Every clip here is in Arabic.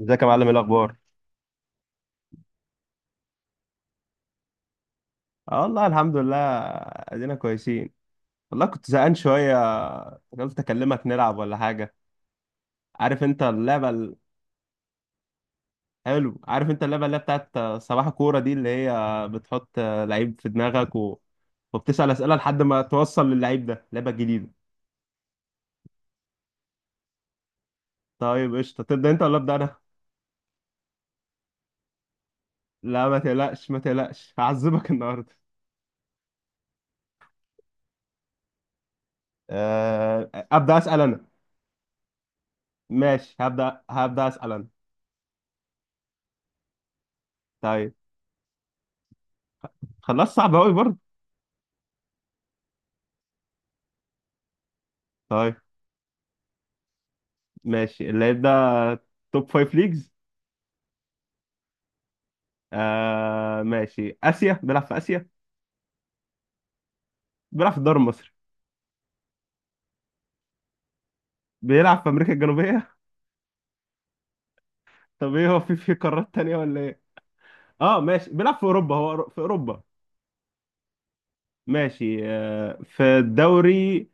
ازيك يا معلم؟ ايه الاخبار؟ اه والله الحمد لله. ادينا كويسين. والله كنت زهقان شويه. قلت اكلمك نلعب ولا حاجه. عارف انت اللعبه ال- حلو، عارف انت اللعبه اللي هي بتاعت صباح كوره دي، اللي هي بتحط لعيب في دماغك وبتسال اسئله لحد ما توصل للعيب ده. لعبه جديده. طيب قشطه، تبدا انت ولا ابدا انا؟ لا، ما تقلقش ما تقلقش هعذبك النهارده. ابدا اسال انا. ماشي، هبدا اسال انا. طيب. خلاص، صعب قوي برضه. طيب. ماشي، اللعيب ده توب فايف ليجز. آه ماشي، آسيا، بيلعب في آسيا. بيلعب في الدوري المصري. بيلعب في أمريكا الجنوبية. طب ايه، هو في قارات تانية ولا ايه؟ اه ماشي، بيلعب في أوروبا، هو في أوروبا. ماشي آه، في الدوري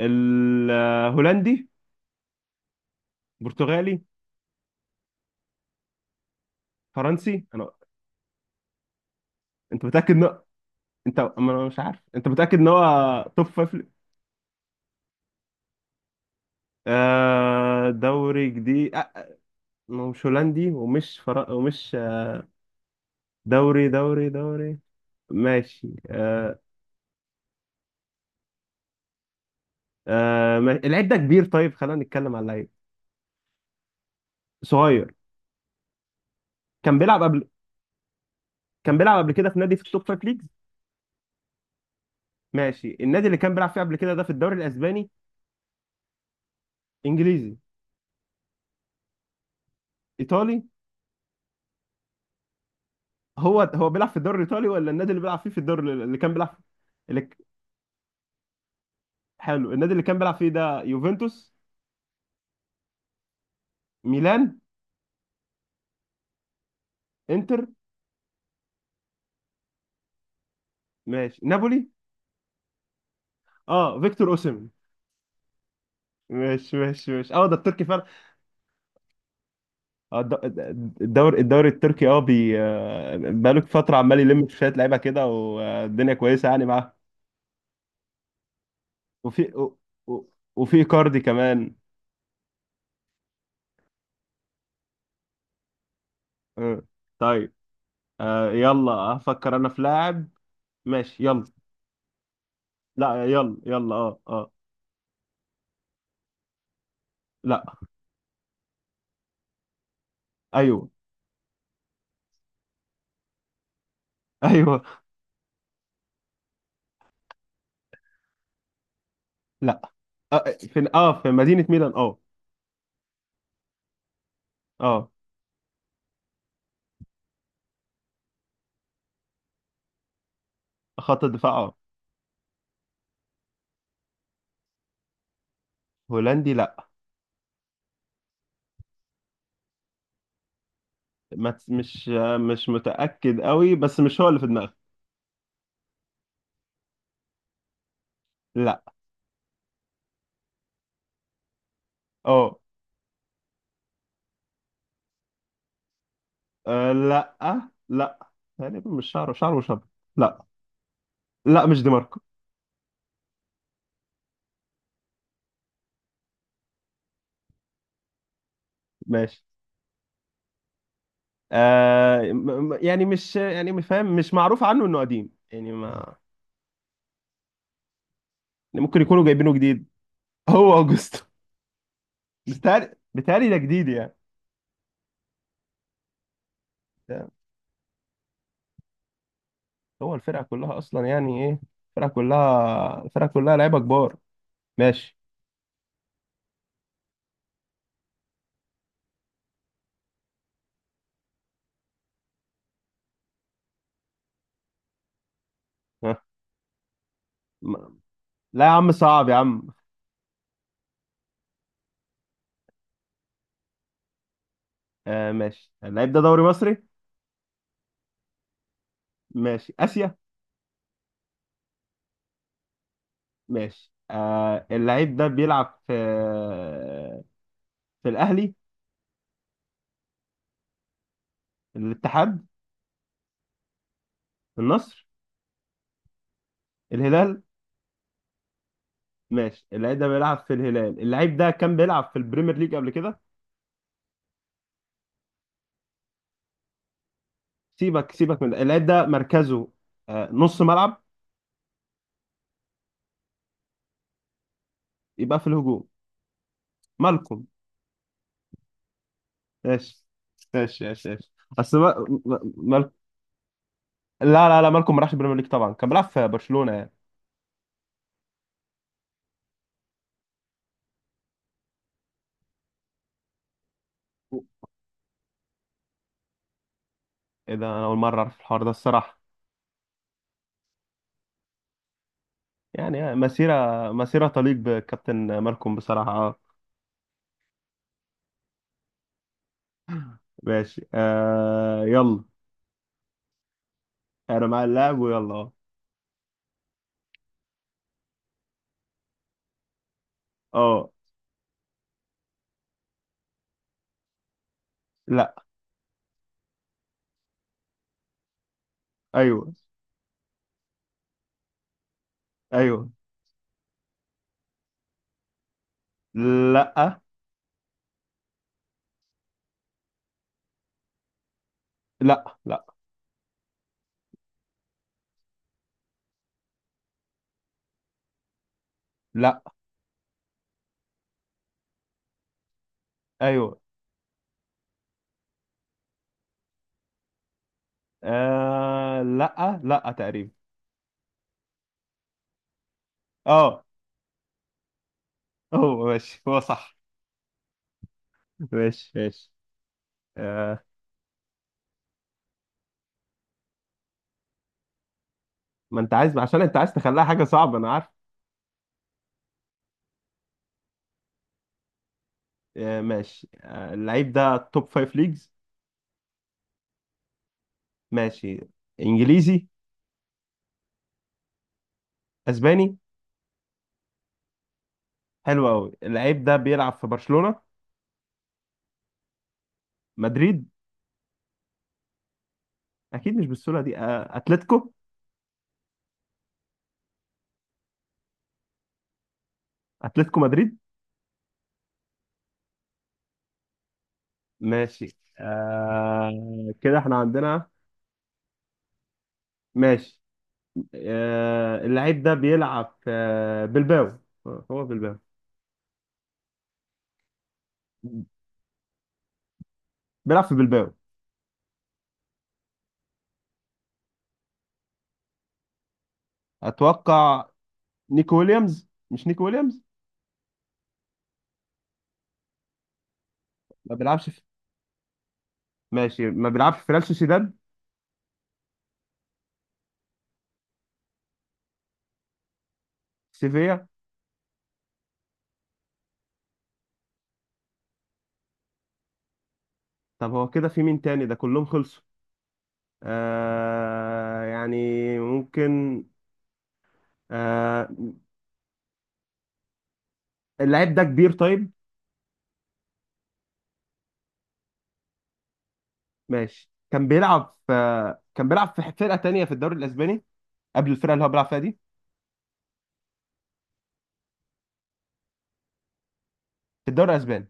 الهولندي. برتغالي. فرنسي انا. انت متأكد ان انت، أما انا مش عارف، انت متأكد ان هو. توب فايف ليج؟ آه دوري جديد آه. ما هو مش هولندي ومش ومش دوري دوري. ماشي آه. آه، ما... العيب ده كبير. طيب خلينا نتكلم على اللعيب. صغير. كان بيلعب قبل كان بيلعب قبل كده في نادي في التوب فايف ليجز. ماشي، النادي اللي كان بيلعب فيه قبل كده ده في الدوري الاسباني. انجليزي. ايطالي. هو بيلعب في الدوري الايطالي، ولا النادي اللي بيلعب فيه في الدوري اللي كان بيلعب؟ اللي... ك- حلو، النادي اللي كان بيلعب فيه ده يوفنتوس. ميلان. انتر. ماشي، نابولي. اه، فيكتور اوسيمين. ماشي ماشي ماشي، اه ده التركي فعلا. اه الدوري، التركي. اه بي بقاله فترة عمال يلم في شوية لعيبة كده، والدنيا كويسة يعني معاه. وفي و- وفي كاردي كمان. اه. طيب. يلا هفكر انا في لاعب. ماشي يلا. لا يلا يلا اه اه. لا. ايوه. ايوه. لا. اه، في في مدينة ميلان، اه. اه، خط الدفاع، اه. هولندي، لا. ما تس- مش متأكد قوي، بس مش هو اللي في دماغي. لا. اه. أه لا لا، تقريبا. مش شعره مش ابيض. لا لا، مش دي ماركو. ماشي. يعني مش فاهم، مش معروف عنه انه قديم يعني ما. يعني ممكن يكونوا جايبينه جديد. هو اوجستو. بتهيألي ده جديد يعني. ده- هو الفرقة كلها اصلا يعني ايه؟ الفرقة كلها، لعيبة كبار. ماشي. ها. م- لا يا عم، صعب يا عم. أه ماشي، اللعيب ده دوري مصري. ماشي، اسيا. ماشي آه، اللعيب ده بيلعب في الاهلي. الاتحاد. النصر. الهلال. ماشي، اللعيب ده بيلعب في الهلال. اللعيب ده كان بيلعب في البريمير ليج قبل كده. سيبك سيبك من ده. اللعيب ده مركزه نص ملعب. يبقى في الهجوم. مالكم. ماشي ماشي ماشي ماشي. بس ما... ما... ما... لا لا لا، مالكم ما راحش البريمير ليج طبعا، كان بيلعب في برشلونة يعني. ايه ده، انا اول مرة اعرف الحوار ده الصراحة. يعني مسيرة تليق بكابتن مالكم بصراحة، اه. ماشي آه يلا. انا مع اللاعب، ويلا اه. اه. لا. ايوه. ايوه. لا. لا. لا. لا. ايوه. آه لا لا، تقريبا. اه. هو ماشي، هو صح. ماشي ماشي. آه، ما انت عايز عشان انت عايز تخليها حاجه صعبه، انا عارف. آه ماشي اللعيب ده توب فايف ليجز. ماشي. انجليزي. اسباني. حلو قوي، اللعيب ده بيلعب في برشلونه. مدريد. اكيد مش بالسهوله دي، آه، اتلتيكو. اتلتيكو مدريد. ماشي آه كده احنا عندنا. ماشي. اللعيب ده بيلعب في بلباو. هو بلباو. بيلعب في بلباو. اتوقع نيكو ويليامز، مش نيكو ويليامز. ما بيلعبش في... ماشي، ما بيلعبش في ريال سوسيداد. سيفيا. طب هو كده في مين تاني؟ ده كلهم خلصوا. آه يعني. ممكن. آه. اللعيب ده كبير طيب. ماشي، كان بيلعب في فرقة تانية في الدوري الاسباني قبل الفرقة اللي هو بيلعب فيها دي، في الدوري الاسباني.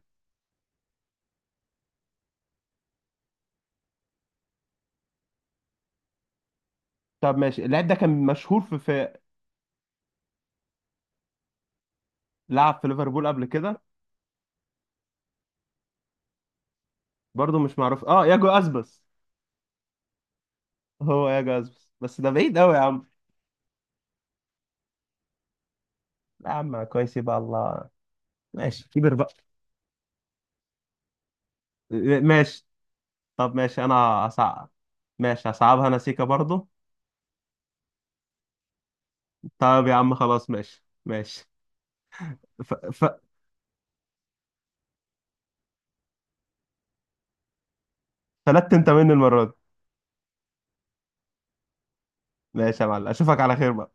طب ماشي، اللعيب ده كان مشهور لعب في ليفربول قبل كده. برضه مش معروف، ياجو اسبس. هو ياجو اسبس، بس ده بعيد قوي يا عم. يا عم كويس، يبقى الله. ماشي، كبر بقى. ماشي. طب ماشي انا. هصعب. ماشي، هصعبها انا سيكا برضه. طب يا عم خلاص ماشي ماشي. ف... ف... فلت انت مني المرة دي. ماشي يا معلم، اشوفك على خير بقى.